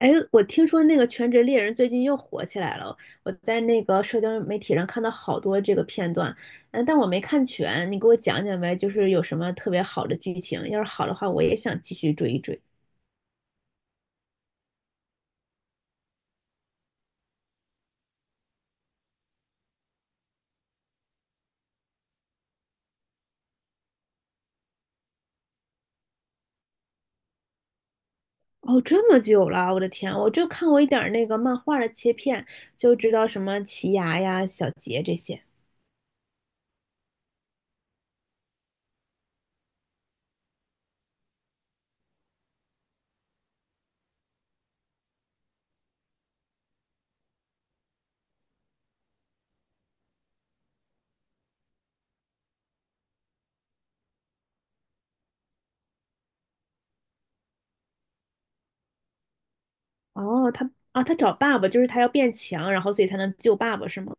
哎，我听说那个《全职猎人》最近又火起来了，我在那个社交媒体上看到好多这个片段，但我没看全，你给我讲讲呗，就是有什么特别好的剧情，要是好的话，我也想继续追一追。哦，这么久了，我的天，我就看过一点儿那个漫画的切片，就知道什么奇牙呀、小杰这些。哦，他啊，他找爸爸，就是他要变强，然后所以才能救爸爸，是吗？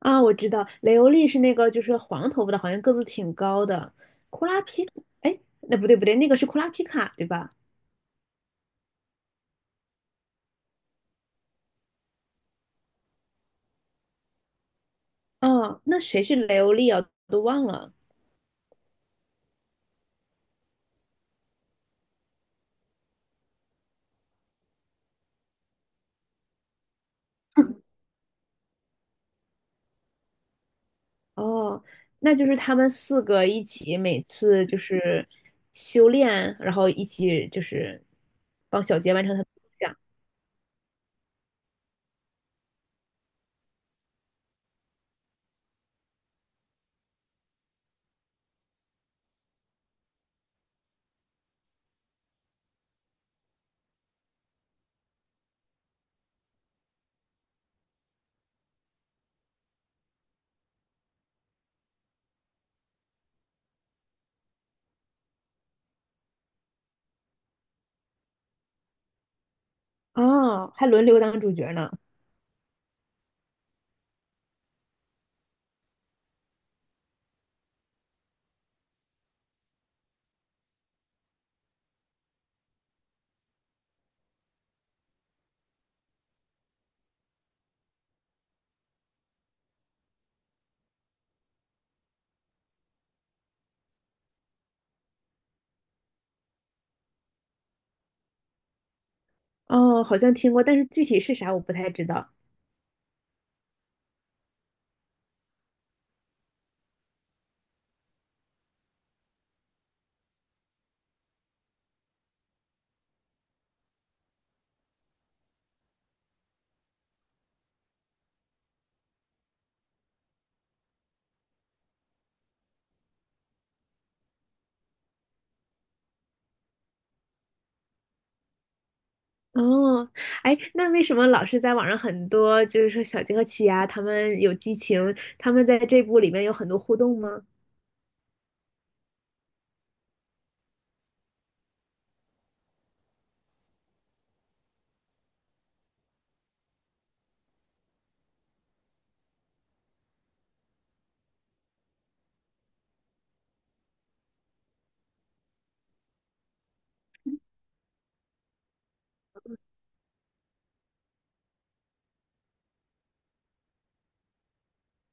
啊，我知道，雷欧利是那个就是黄头发的，好像个子挺高的。库拉皮哎，那不对不对，那个是库拉皮卡对吧？哦，那谁是雷欧利啊？都忘了。哦，那就是他们四个一起，每次就是修炼，然后一起就是帮小杰完成他的梦想。哦，还轮流当主角呢。哦，好像听过，但是具体是啥我不太知道。哦，哎，那为什么老是在网上很多，就是说小鸡和奇亚他们有激情，他们在这部里面有很多互动吗？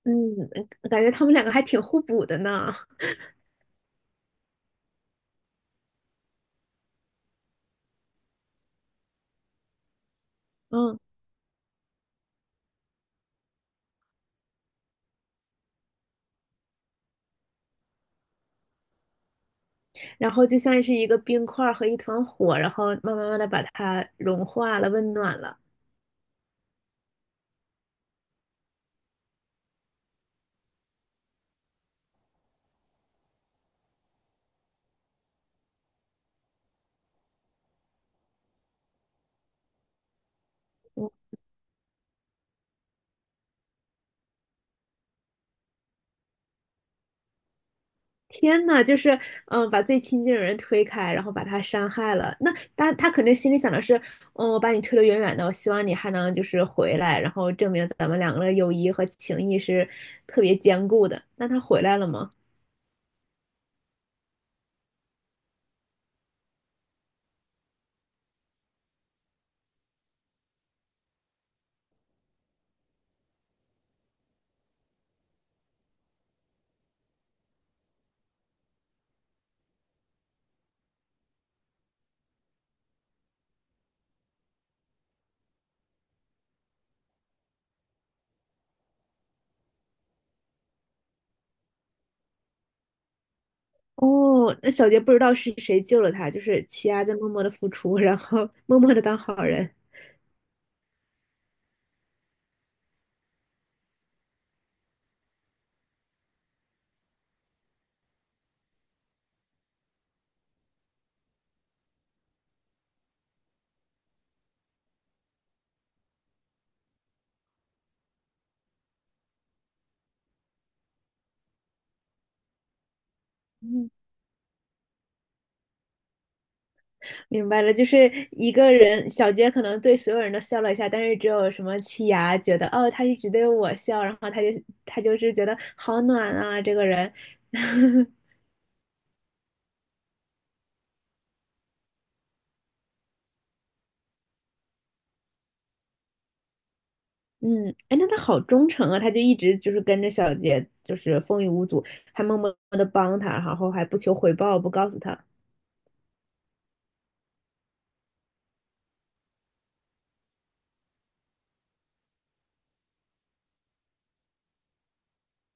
嗯，感觉他们两个还挺互补的呢。嗯，然后就像是一个冰块儿和一团火，然后慢慢慢的把它融化了，温暖了。天呐，就是把最亲近的人推开，然后把他伤害了。那他肯定心里想的是，嗯，我把你推得远远的，我希望你还能就是回来，然后证明咱们两个的友谊和情谊是特别坚固的。那他回来了吗？哦，那小杰不知道是谁救了他，就是奇亚在默默的付出，然后默默的当好人。明白了，就是一个人，小杰可能对所有人都笑了一下，但是只有什么七牙觉得，哦，他是只对我笑，然后他就是觉得好暖啊，这个人，嗯，哎，那他好忠诚啊，他就一直就是跟着小杰，就是风雨无阻，还默默的帮他，然后还不求回报，不告诉他，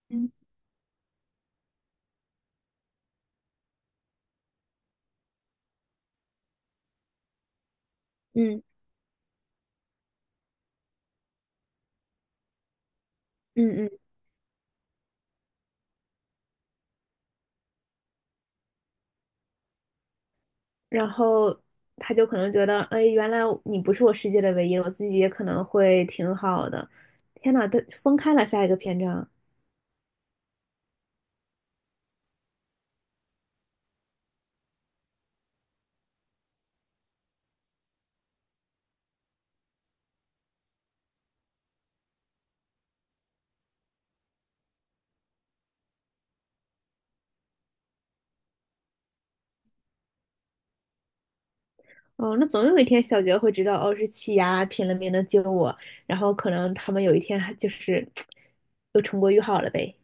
嗯嗯嗯嗯，然后他就可能觉得，哎，原来你不是我世界的唯一，我自己也可能会挺好的，天呐，他分开了下一个篇章。哦，那总有一天小杰会知道，哦，是气压拼了命的救我，然后可能他们有一天还就是又重归于好了呗。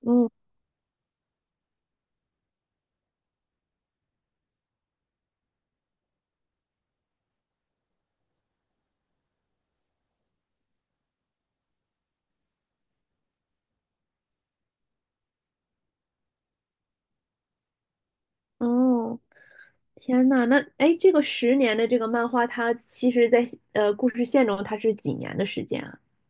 嗯，哦，天呐，那哎，诶这个10年的这个漫画，它其实在故事线中它是几年的时间啊？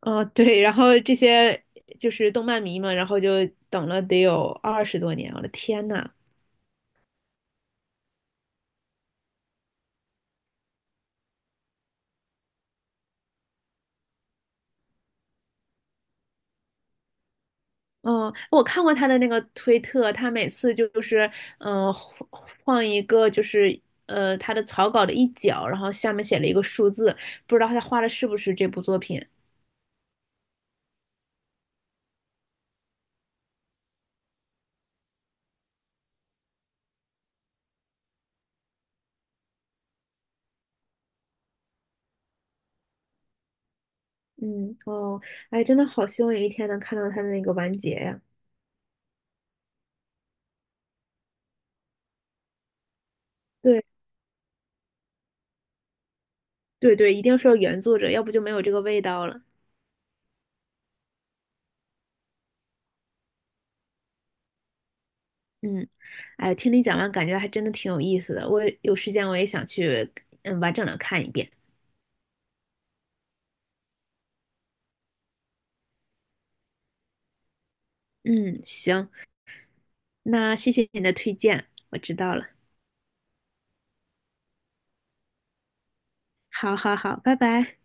哦，对，然后这些就是动漫迷嘛，然后就等了得有20多年，我的天呐！嗯，我看过他的那个推特，他每次就是，嗯、呃换换一个就是，他的草稿的一角，然后下面写了一个数字，不知道他画的是不是这部作品。嗯，哦，哎，真的好希望有一天能看到他的那个完结呀。对，对对，一定是要原作者，要不就没有这个味道了。嗯，哎，听你讲完，感觉还真的挺有意思的。我有时间我也想去，嗯，完整的看一遍。嗯，行，那谢谢你的推荐，我知道了。好好好，拜拜。